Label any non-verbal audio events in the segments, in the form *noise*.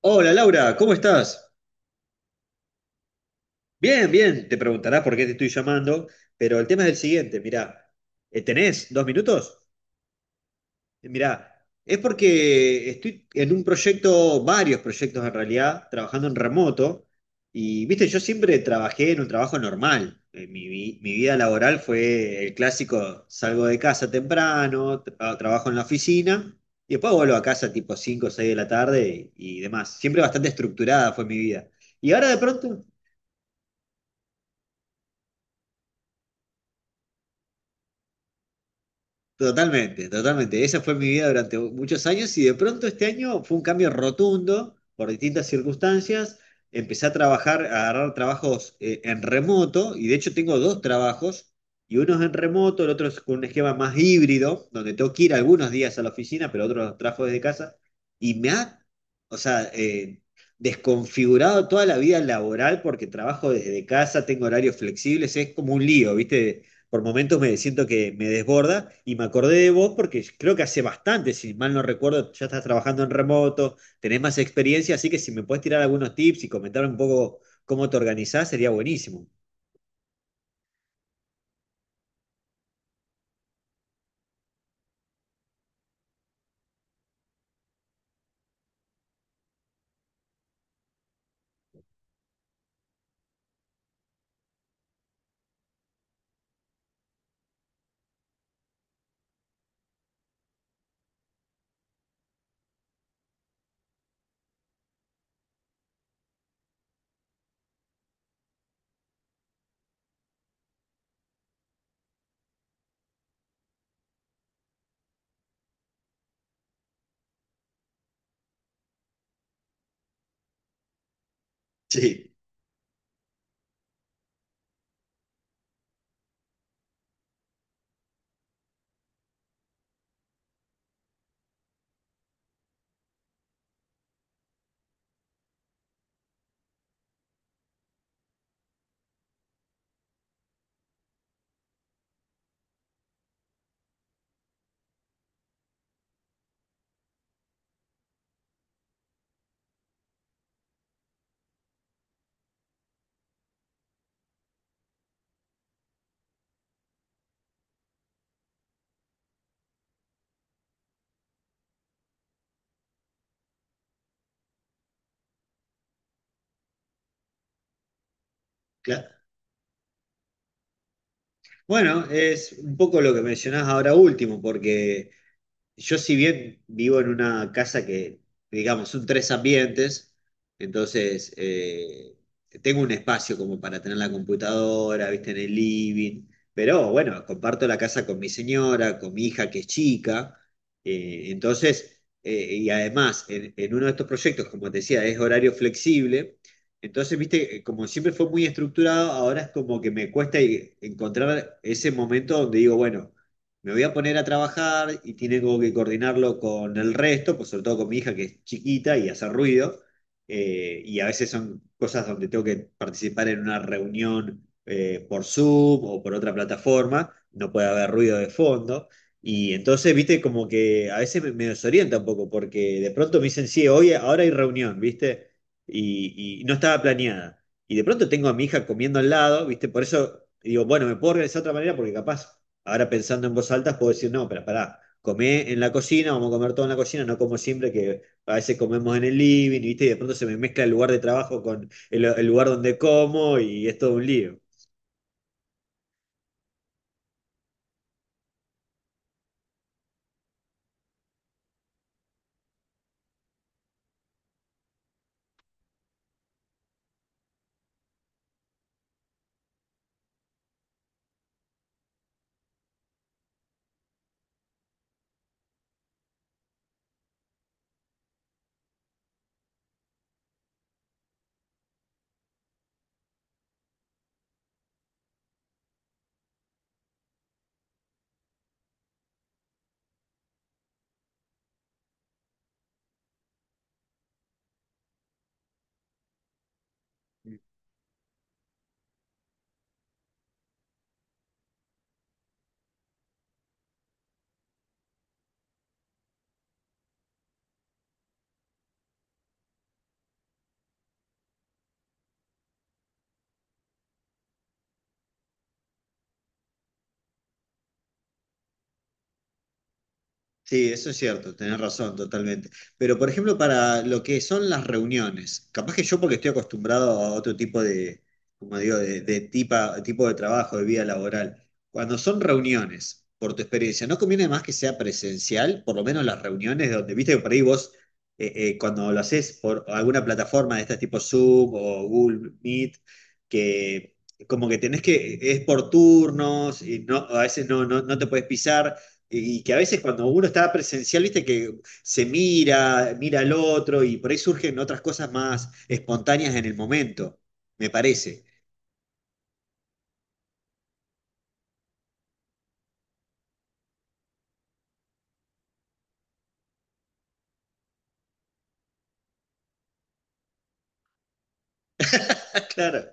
Hola Laura, ¿cómo estás? Bien, bien, te preguntarás por qué te estoy llamando, pero el tema es el siguiente, mirá, ¿tenés 2 minutos? Mirá, es porque estoy en un proyecto, varios proyectos en realidad, trabajando en remoto, y viste, yo siempre trabajé en un trabajo normal. Mi vida laboral fue el clásico, salgo de casa temprano, trabajo en la oficina, y después vuelvo a casa tipo 5, o 6 de la tarde y demás, siempre bastante estructurada fue mi vida. Y ahora de pronto. Totalmente, totalmente. Esa fue mi vida durante muchos años y de pronto este año fue un cambio rotundo por distintas circunstancias. Empecé a trabajar, a agarrar trabajos en remoto, y de hecho tengo dos trabajos y uno es en remoto, el otro es con un esquema más híbrido, donde tengo que ir algunos días a la oficina, pero otros los trabajo desde casa y me ha, o sea, desconfigurado toda la vida laboral porque trabajo desde casa, tengo horarios flexibles, es como un lío, ¿viste? Por momentos me siento que me desborda y me acordé de vos porque creo que hace bastante, si mal no recuerdo, ya estás trabajando en remoto, tenés más experiencia, así que si me puedes tirar algunos tips y comentar un poco cómo te organizás, sería buenísimo. Sí, claro. Bueno, es un poco lo que mencionás ahora último, porque yo si bien vivo en una casa que, digamos, son tres ambientes, entonces tengo un espacio como para tener la computadora, viste, en el living, pero bueno, comparto la casa con mi señora, con mi hija que es chica, entonces, y además, en uno de estos proyectos, como te decía, es horario flexible, entonces, viste, como siempre fue muy estructurado, ahora es como que me cuesta encontrar ese momento donde digo, bueno, me voy a poner a trabajar y tengo que coordinarlo con el resto, pues sobre todo con mi hija que es chiquita y hace ruido, y a veces son cosas donde tengo que participar en una reunión por Zoom o por otra plataforma, no puede haber ruido de fondo, y entonces, viste, como que a veces me desorienta un poco, porque de pronto me dicen, sí, hoy, ahora hay reunión, viste, y no estaba planeada. Y de pronto tengo a mi hija comiendo al lado, ¿viste? Por eso digo, bueno, me puedo organizar de otra manera porque capaz. Ahora pensando en voz alta, puedo decir, no, pero pará, comé en la cocina, vamos a comer todo en la cocina, no como siempre, que a veces comemos en el living, ¿viste? Y de pronto se me mezcla el lugar de trabajo con el lugar donde como y es todo un lío. Sí, eso es cierto, tenés razón, totalmente. Pero, por ejemplo, para lo que son las reuniones, capaz que yo porque estoy acostumbrado a otro tipo de, como digo, de tipo de trabajo, de vida laboral. Cuando son reuniones, por tu experiencia, ¿no conviene más que sea presencial? Por lo menos las reuniones donde, viste que por ahí vos, cuando lo haces por alguna plataforma de estas tipo Zoom o Google Meet, que como que tenés que, es por turnos y no, a veces no te puedes pisar. Y que a veces cuando uno está presencial, viste que se mira, mira al otro y por ahí surgen otras cosas más espontáneas en el momento, me parece. *laughs* Claro.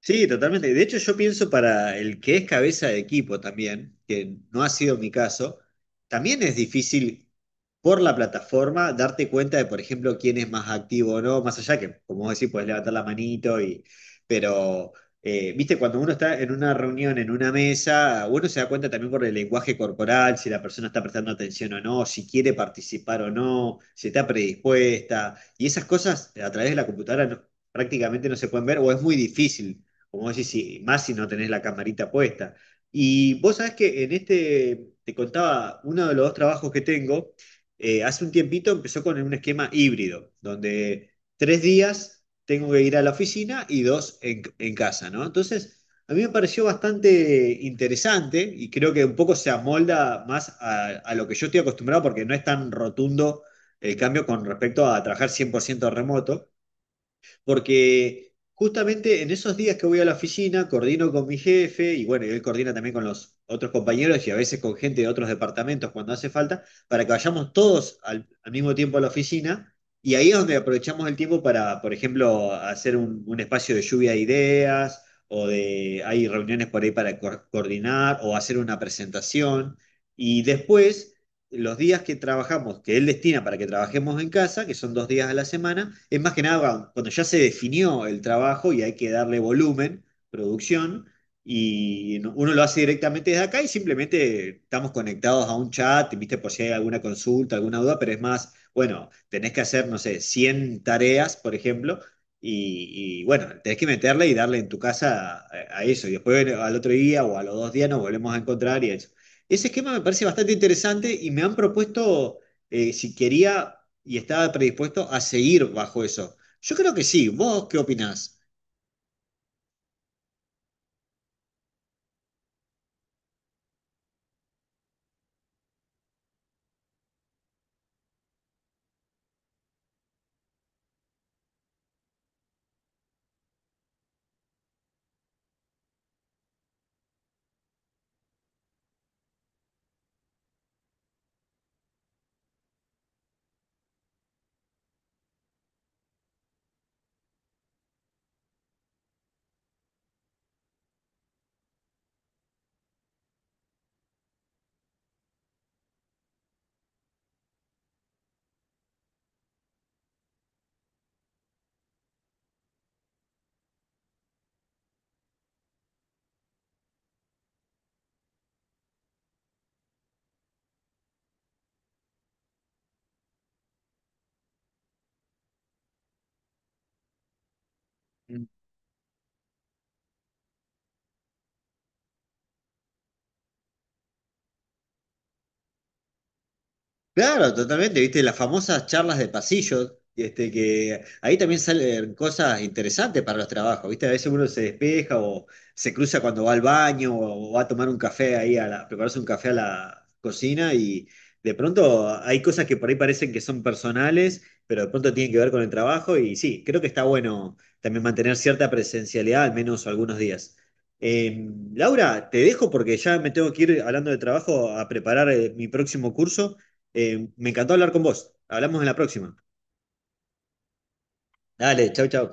Sí, totalmente. De hecho, yo pienso para el que es cabeza de equipo también, que no ha sido mi caso, también es difícil por la plataforma darte cuenta de, por ejemplo, quién es más activo o no, más allá que, como vos decís, podés levantar la manito y, pero, viste, cuando uno está en una reunión, en una mesa, uno se da cuenta también por el lenguaje corporal, si la persona está prestando atención o no, si quiere participar o no, si está predispuesta, y esas cosas a través de la computadora prácticamente no se pueden ver o es muy difícil, como decís, sí, más si no tenés la camarita puesta. Y vos sabés que en este, te contaba, uno de los dos trabajos que tengo, hace un tiempito empezó con un esquema híbrido, donde 3 días tengo que ir a la oficina y dos en casa, ¿no? Entonces, a mí me pareció bastante interesante y creo que un poco se amolda más a lo que yo estoy acostumbrado porque no es tan rotundo el cambio con respecto a trabajar 100% remoto porque justamente en esos días que voy a la oficina, coordino con mi jefe y bueno, y él coordina también con los otros compañeros y a veces con gente de otros departamentos cuando hace falta, para que vayamos todos al mismo tiempo a la oficina. Y ahí es donde aprovechamos el tiempo para, por ejemplo, hacer un espacio de lluvia de ideas hay reuniones por ahí para coordinar o hacer una presentación. Y después los días que trabajamos, que él destina para que trabajemos en casa, que son 2 días a la semana, es más que nada cuando ya se definió el trabajo y hay que darle volumen, producción, y no, uno lo hace directamente desde acá y simplemente estamos conectados a un chat, viste, por si hay alguna consulta, alguna duda, pero es más, bueno, tenés que hacer, no sé, 100 tareas, por ejemplo, bueno, tenés que meterle y darle en tu casa a eso, y después al otro día o a los 2 días nos volvemos a encontrar y eso. Ese esquema me parece bastante interesante y me han propuesto si quería y estaba predispuesto a seguir bajo eso. Yo creo que sí. ¿Vos qué opinás? Claro, totalmente, viste, las famosas charlas de pasillo, este, que ahí también salen cosas interesantes para los trabajos, viste, a veces uno se despeja o se cruza cuando va al baño o va a tomar un café ahí, a prepararse un café a la cocina y de pronto hay cosas que por ahí parecen que son personales, pero de pronto tienen que ver con el trabajo y sí, creo que está bueno también mantener cierta presencialidad, al menos algunos días. Eh, Laura, te dejo porque ya me tengo que ir hablando de trabajo a preparar mi próximo curso. Me encantó hablar con vos. Hablamos en la próxima. Dale, chau, chau.